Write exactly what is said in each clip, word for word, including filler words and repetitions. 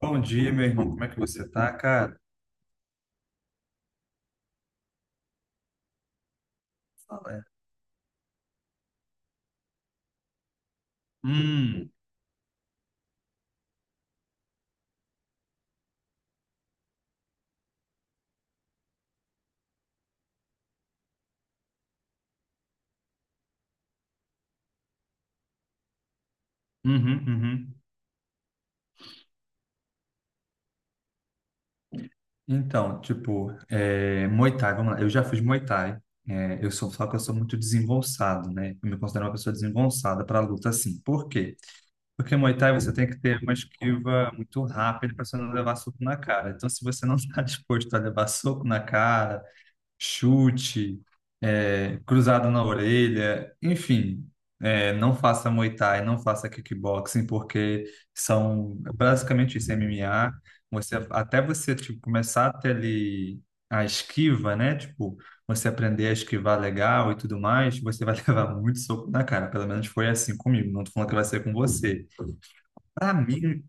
Bom dia, meu irmão. Como é que você tá, cara? Fala aí. Hum. Uhum. Uhum. Então, tipo, é, Muay Thai, vamos lá. Eu já fiz Muay Thai. É, eu sou, só que eu sou muito desengonçado, né? Eu me considero uma pessoa desengonçada para luta, assim. Por quê? Porque Muay Thai você tem que ter uma esquiva muito rápida para você não levar soco na cara. Então, se você não está disposto a levar soco na cara, chute, é, cruzado na orelha, enfim, é, não faça Muay Thai, não faça kickboxing, porque são basicamente isso, M M A. Você, até você tipo, começar a ter ali a esquiva, né? Tipo, você aprender a esquivar legal e tudo mais, você vai levar muito soco na cara. Pelo menos foi assim comigo. Não tô falando que vai ser com você. Para mim,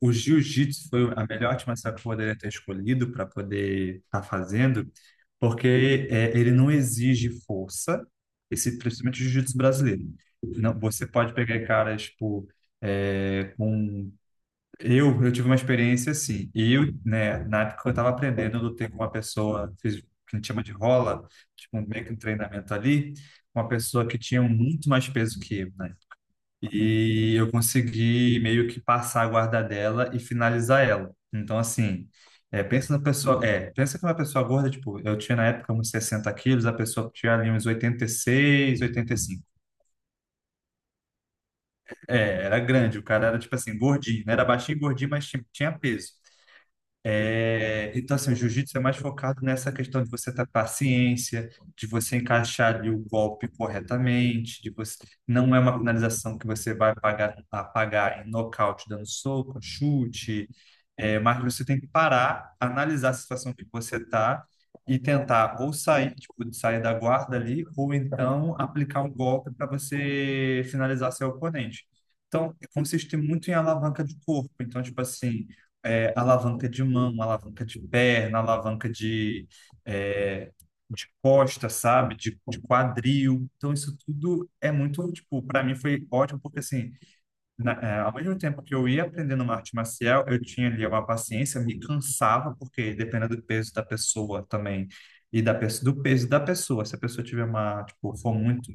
o jiu-jitsu foi a melhor artimanha que eu poderia ter escolhido para poder estar fazendo, porque é, ele não exige força, esse, principalmente o jiu-jitsu brasileiro. Não, você pode pegar caras, tipo, é, com... Eu, eu tive uma experiência assim, e eu, né, na época eu estava aprendendo, eu lutei com uma pessoa, fiz o que a gente chama de rola, tipo, meio que um treinamento ali, uma pessoa que tinha muito mais peso que eu, né? E eu consegui meio que passar a guarda dela e finalizar ela. Então, assim, é, pensa na pessoa. É, pensa que uma pessoa gorda, tipo, eu tinha na época uns sessenta quilos, a pessoa tinha ali uns oitenta e seis, oitenta e cinco. É, era grande. O cara era, tipo assim, gordinho, né? Era baixinho e gordinho, mas tinha, tinha peso. É, então, assim, o jiu-jitsu é mais focado nessa questão de você ter paciência, de você encaixar ali o golpe corretamente, de você não é uma finalização que você vai apagar, apagar em nocaute, dando soco, chute, é, mas você tem que parar, analisar a situação que você está e tentar ou sair, tipo, sair da guarda ali, ou então aplicar um golpe para você finalizar seu oponente. Então, consiste muito em alavanca de corpo. Então, tipo assim, é, alavanca de mão, alavanca de perna, alavanca de, é, de costa, sabe? De, de quadril. Então, isso tudo é muito, tipo, para mim foi ótimo, porque assim, na- é, ao mesmo tempo que eu ia aprendendo uma arte marcial, eu tinha ali uma paciência, me cansava, porque dependendo do peso da pessoa também. E da, pe- do peso da pessoa. Se a pessoa tiver uma, tipo, for muito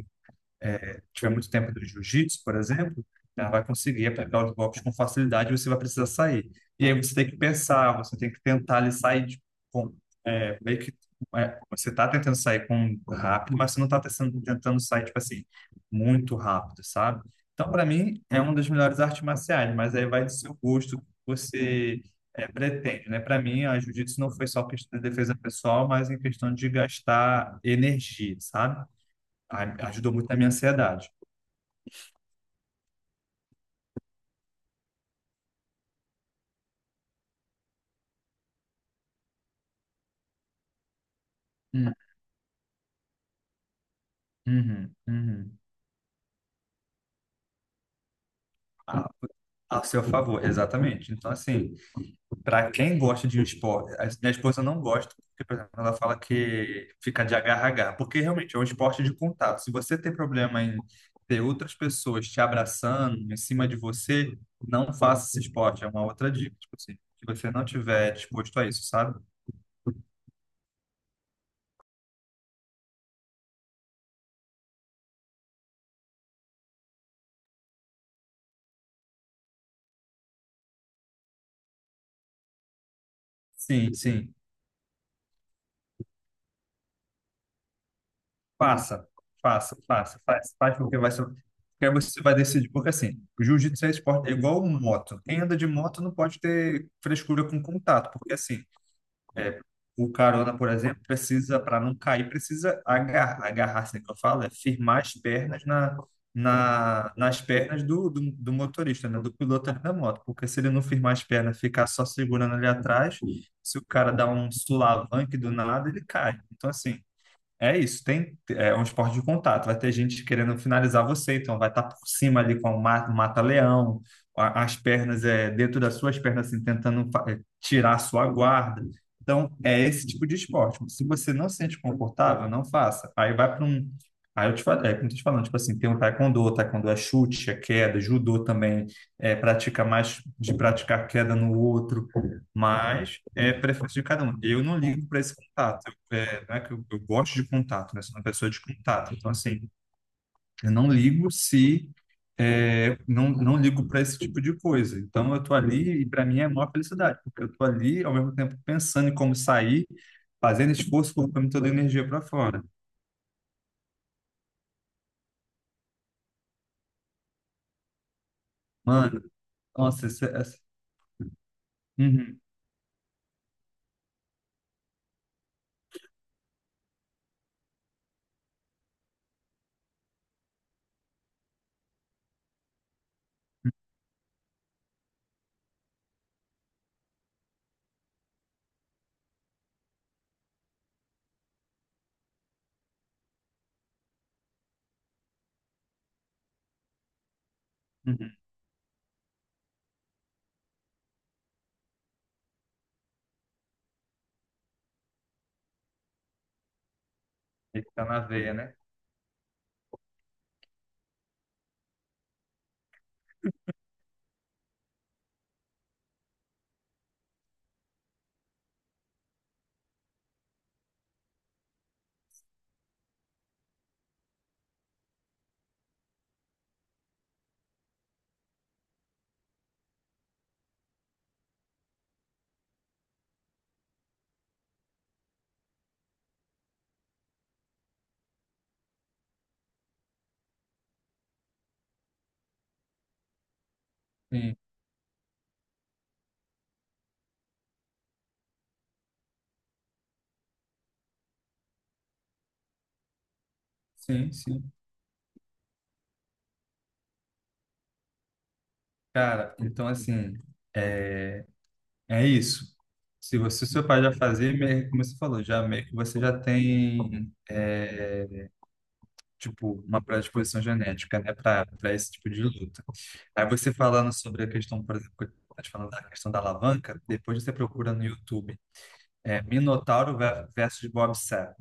é, tiver muito tempo do jiu-jitsu, por exemplo, ela vai conseguir aplicar os golpes com facilidade e você vai precisar sair. E aí você tem que pensar, você tem que tentar ali sair de, com, é, meio que é, você está tentando sair com rápido, mas você não está tentando, tentando sair, tipo assim, muito rápido, sabe? Então, para mim, é uma das melhores artes marciais, mas aí vai do seu gosto, que você é, pretende, né? Para mim, a jiu-jitsu não foi só questão de defesa pessoal, mas em questão de gastar energia, sabe? a- ajudou muito na minha ansiedade. Hum. Uhum. Uhum. A, a seu favor, exatamente. Então, assim, para quem gosta de um esporte, a minha esposa não gosta, porque, por exemplo, ela fala que fica de agarrar, porque realmente é um esporte de contato. Se você tem problema em ter outras pessoas te abraçando em cima de você, não faça esse esporte. É uma outra dica, tipo assim, se você não tiver disposto a isso, sabe? Sim, sim. Faça, faça, faça, faz, faz, porque vai ser, porque aí você vai decidir, porque assim, o jiu-jitsu é esporte, é igual um moto. Quem anda de moto não pode ter frescura com contato, porque assim, é, o carona, por exemplo, precisa, para não cair, precisa agarrar, agarrar, assim que eu falo, é firmar as pernas na, na, nas pernas do, do, do motorista, né, do piloto ali da moto, porque se ele não firmar as pernas, ficar só segurando ali atrás, se o cara dá um sulavanque do nada, ele cai. Então, assim, é isso. Tem, é um esporte de contato. Vai ter gente querendo finalizar você, então vai estar por cima ali com o ma- mata-leão, a- as pernas é dentro das suas pernas, assim, tentando fa- é, tirar a sua guarda. Então, é esse tipo de esporte. Se você não se sente confortável, não faça. Aí vai para um. Aí eu te falo, é, como eu tô te falando, tipo assim, tem o taekwondo, o taekwondo é chute, é queda, judô também, é, pratica mais de praticar queda no outro, mas é preferência de cada um. Eu não ligo para esse contato. É, não é que eu, eu gosto de contato, né? Sou uma pessoa de contato. Então, assim, eu não ligo se. É, não, não ligo para esse tipo de coisa. Então, eu tô ali e para mim é a maior felicidade, porque eu tô ali ao mesmo tempo pensando em como sair, fazendo esforço, colocando toda a energia para fora. Mano, nossa, essa, essa... Uhum. Uhum. Ele tá na veia, né? Sim, sim, sim. Cara, então assim, é isso. Se você, seu pai já fazia, meio- como você falou, já meio que você já tem é, tipo, uma predisposição genética, né, para para esse tipo de luta. Aí você falando sobre a questão, por exemplo, que eu tava te falando da questão da alavanca, depois você procura no YouTube, é, Minotauro ve- versus Bob Sapp.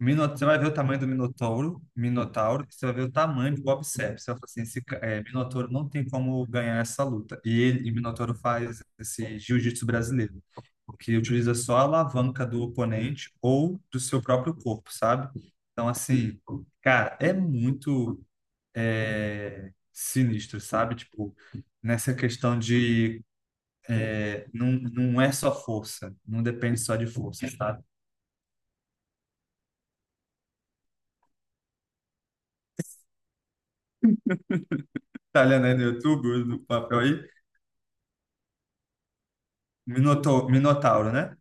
Mino- Você vai ver o tamanho do Minotauro, Minotauro, e você vai ver o tamanho do Bob Sepp. Você vai falar assim, esse ca- é, Minotauro não tem como ganhar essa luta. E ele, e Minotauro faz esse jiu-jitsu brasileiro, porque utiliza só a alavanca do oponente ou do seu próprio corpo, sabe? Então, assim, cara, é muito é, sinistro, sabe? Tipo, nessa questão de é, não, não é só força, não depende só de força, sabe? Tá olhando aí no YouTube, no papel aí? Minotou- Minotauro, né?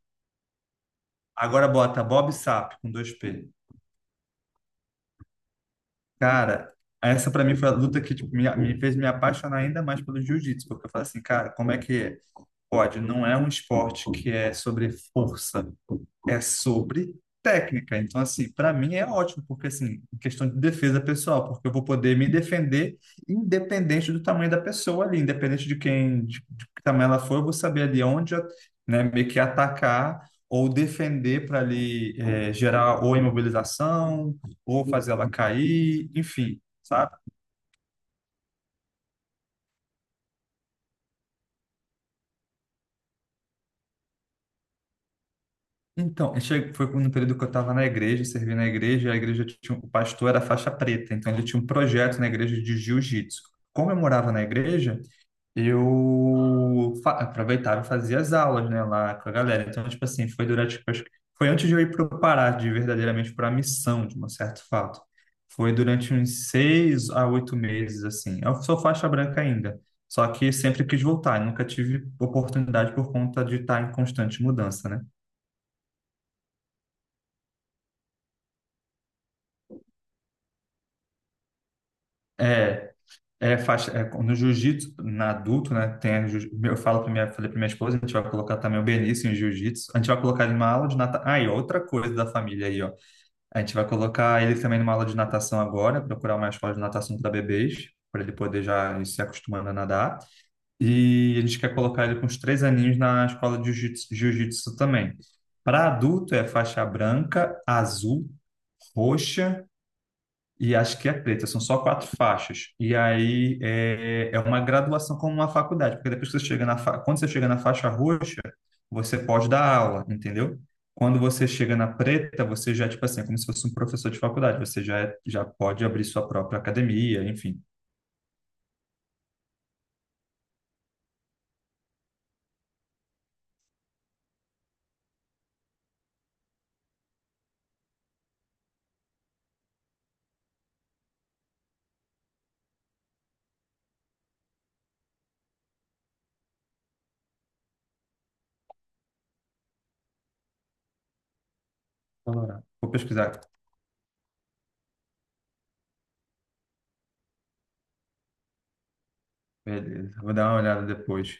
Agora bota Bob Sapp com dois pês. Cara, essa pra mim foi a luta que, tipo, me, me fez me apaixonar ainda mais pelo jiu-jitsu, porque eu falei assim, cara, como é que é? Pode, não é um esporte que é sobre força, é sobre técnica. Então, assim, para mim é ótimo, porque, assim, em questão de defesa pessoal, porque eu vou poder me defender independente do tamanho da pessoa ali, independente de quem, de, de que tamanho ela for, eu vou saber ali onde, né, meio que atacar ou defender para ali eh, gerar ou imobilização, ou fazer ela cair, enfim, sabe? Então, eu che- foi no período que eu estava na igreja, servi na igreja, e a igreja tinha, o pastor era faixa preta, então ele tinha um projeto na igreja de jiu-jitsu. Como eu morava na igreja, eu fa- aproveitava e fazia as aulas, né, lá com a galera. Então, tipo assim, foi durante, tipo, acho que foi antes de eu ir para o Pará, de verdadeiramente para a missão, de um certo fato. Foi durante uns seis a oito meses, assim. Eu sou faixa branca ainda, só que sempre quis voltar, nunca tive oportunidade por conta de estar em constante mudança, né? É. É, faixa, é, no jiu-jitsu, na adulto, né? Tem, a jiu- eu falo para minha, falei para minha esposa, a gente vai colocar também o Benício em jiu-jitsu. A gente vai colocar ele numa aula de natação. Ah, e outra coisa da família aí, ó. A gente vai colocar ele também numa aula de natação agora, procurar uma escola de natação para bebês, para ele poder já ir se acostumando a nadar. E a gente quer colocar ele com uns três aninhos na escola de jiu-jitsu jiu-jitsu também. Para adulto é faixa branca, azul, roxa e acho que é preta, são só quatro faixas. E aí é, é uma graduação como uma faculdade, porque depois que você chega na fa... quando você chega na faixa roxa, você pode dar aula, entendeu? Quando você chega na preta, você já, tipo assim, é como se fosse um professor de faculdade, você já, é- já pode abrir sua própria academia, enfim. Colorado. Vou pesquisar. Beleza, vou dar uma olhada depois.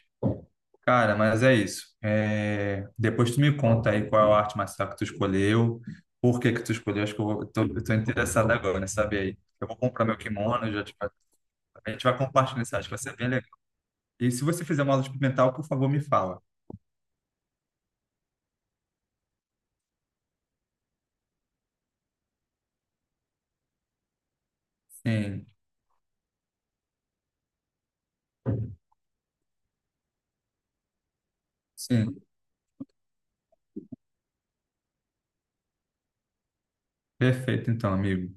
Cara, mas é isso. É, Depois tu me conta aí qual é a arte marcial que tu escolheu, por que que tu escolheu. Acho que eu, vou... tô... eu tô interessado agora, né? Saber aí. Eu vou comprar meu kimono, já te... a gente vai compartilhar isso, acho que vai ser bem legal. E se você fizer uma aula experimental, por favor, me fala. Sim, sim. Perfeito, então, amigo.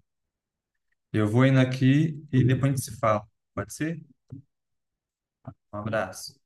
Eu vou indo aqui e depois a gente se fala. Pode ser? Um abraço.